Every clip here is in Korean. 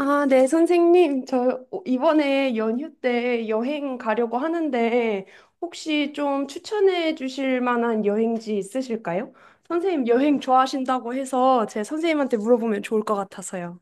아, 네, 선생님. 저 이번에 연휴 때 여행 가려고 하는데 혹시 좀 추천해 주실 만한 여행지 있으실까요? 선생님 여행 좋아하신다고 해서 제 선생님한테 물어보면 좋을 것 같아서요.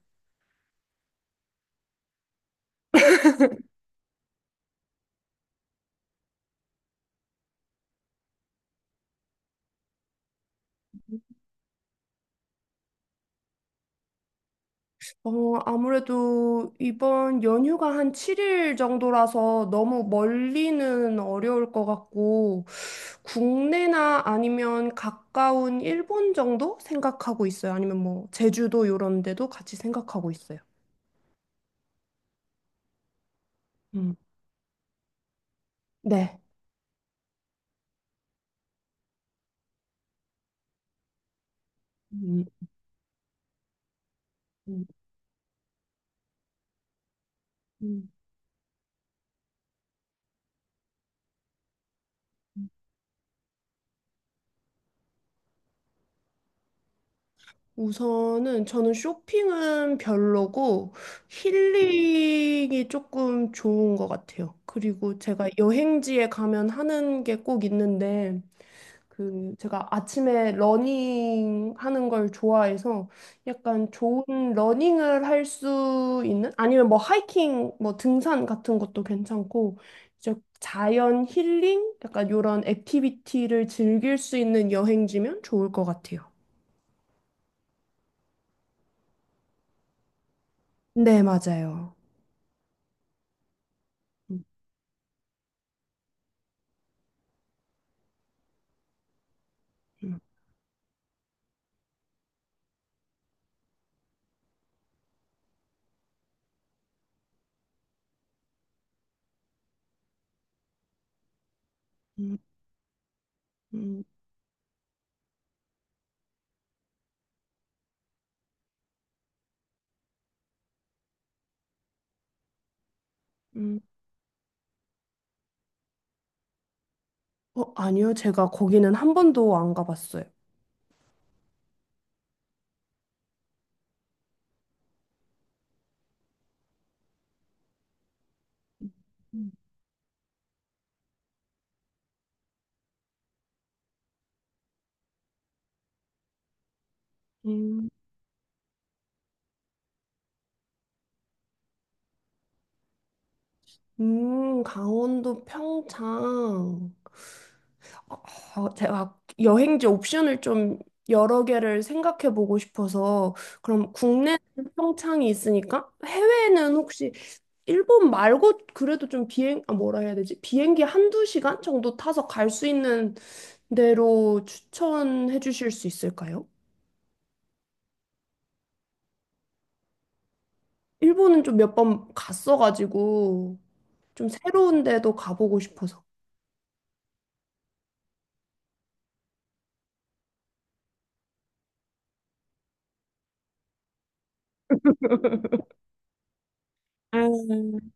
아무래도 이번 연휴가 한 7일 정도라서 너무 멀리는 어려울 것 같고 국내나 아니면 가까운 일본 정도 생각하고 있어요. 아니면 뭐 제주도 이런 데도 같이 생각하고 있어요. 음, 네. 음, 음, 음. 우선은 저는 쇼핑은 별로고 힐링이 조금 좋은 것 같아요. 그리고 제가 여행지에 가면 하는 게 꼭 있는데 그 제가 아침에 러닝 하는 걸 좋아해서 약간 좋은 러닝을 할 수 있는 아니면 뭐 하이킹 뭐 등산 같은 것도 괜찮고 이제 자연 힐링 약간 요런 액티비티를 즐길 수 있는 여행지면 좋을 것 같아요. 네, 맞아요. 음, 음, 음, 음, 음. 아니요. 제가 거기는 한 번도 안 가봤어요. 음, 강원도 평창. 제가 여행지 옵션을 좀 여러 개를 생각해 보고 싶어서 그럼 국내는 평창이 있으니까 해외는 혹시 일본 말고 그래도 좀 비행 아 뭐라 해야 되지? 비행기 한두 시간 정도 타서 갈 수 있는 데로 추천해 주실 수 있을까요? 일본은 좀 몇 번 갔어가지고 좀 새로운 데도 가보고 싶어서. 음.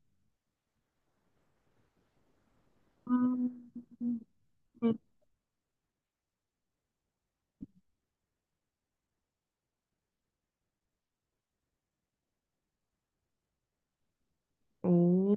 음. 음. 오.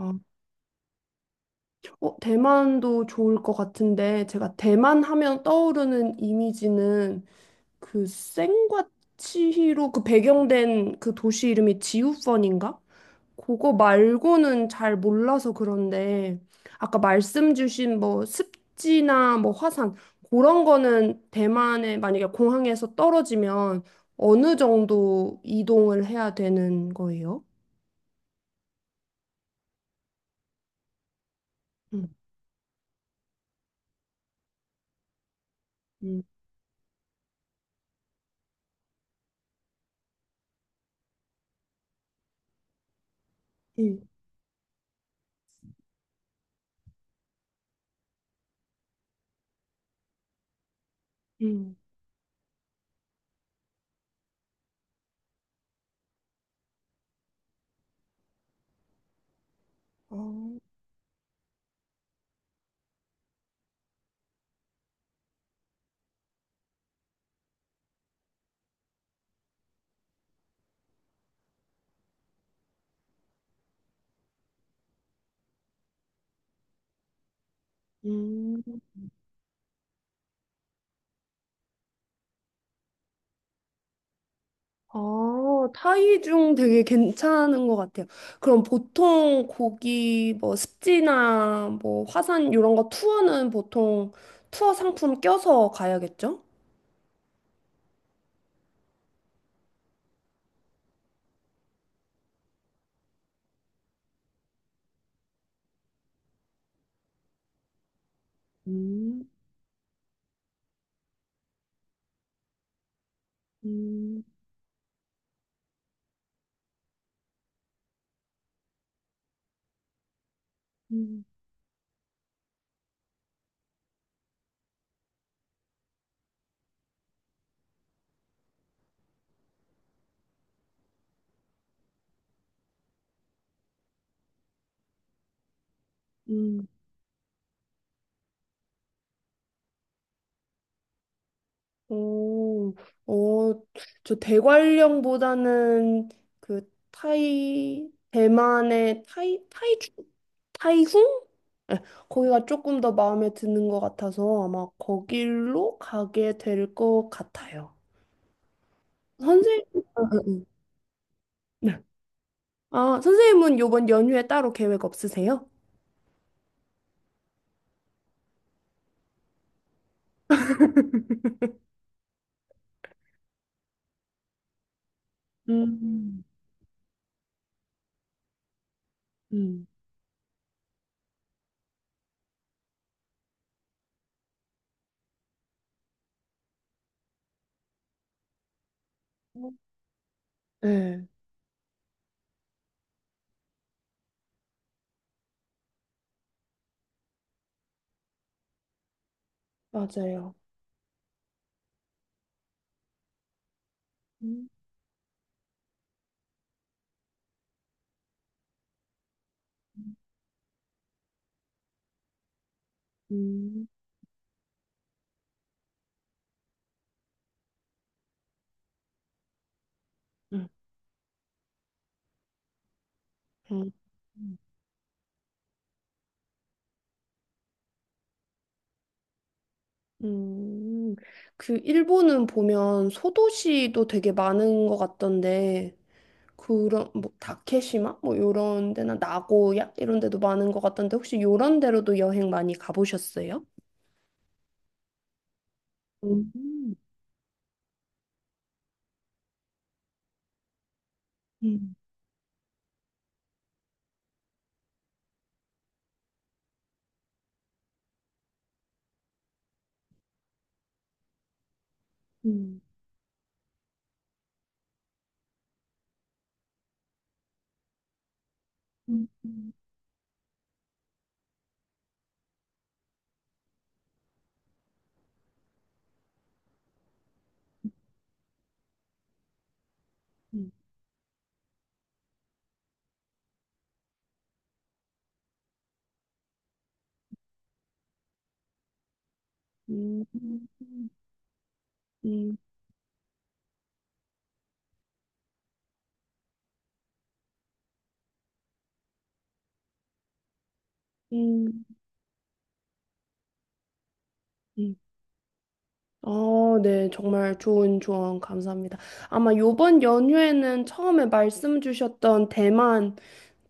음. 대만도 좋을 것 같은데 제가 대만 하면 떠오르는 이미지는 그 센과 치히로 그 배경된 그 도시 이름이 지우펀인가? 그거 말고는 잘 몰라서 그런데 아까 말씀 주신 뭐 습지나 뭐 화산 그런 거는 대만에 만약에 공항에서 떨어지면 어느 정도 이동을 해야 되는 거예요? 음, 음, 음, 음. 아, 음. 아, 타이중 되게 괜찮은 것 같아요. 그럼 보통 고기 뭐 습지나 뭐 화산 이런 거 투어는 보통 투어 상품 껴서 가야겠죠? 음, 음, 음, 음. 오, 어, 저 대관령보다는 그 타이, 대만의 타이, 타이주, 타이슝? 네, 거기가 조금 더 마음에 드는 것 같아서 아마 거길로 가게 될 것 같아요. 선생님, 아, 아, 네. 아, 선생님은 요번 연휴에 따로 계획 없으세요? 음, 음. 네, 맞아요. 음, 음, 음. 음. 음, 그 일본은 보면 소도시도 되게 많은 것 같던데 그런 뭐 다케시마 뭐 요런 데나 나고야 이런 데도 많은 것 같던데 혹시 요런 데로도 여행 많이 가보셨어요? 음, 음, 음, 음, 음, 음, 음, 음, 음, 음. 음, 음. 아, 네, 정말 좋은 조언 감사합니다. 아마 요번 연휴에는 처음에 말씀 주셨던 대만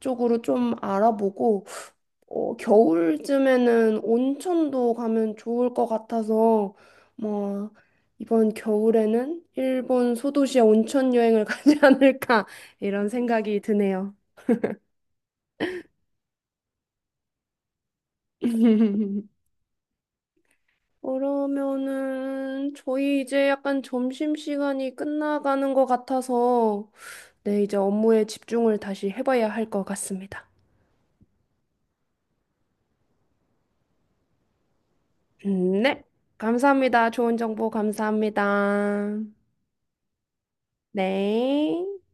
쪽으로 좀 알아보고 겨울쯤에는 온천도 가면 좋을 것 같아서, 뭐, 이번 겨울에는 일본 소도시에 온천 여행을 가지 않을까, 이런 생각이 드네요. 그러면은, 저희 이제 약간 점심시간이 끝나가는 것 같아서, 네, 이제 업무에 집중을 다시 해봐야 할 것 같습니다. 네, 감사합니다. 좋은 정보 감사합니다. 네.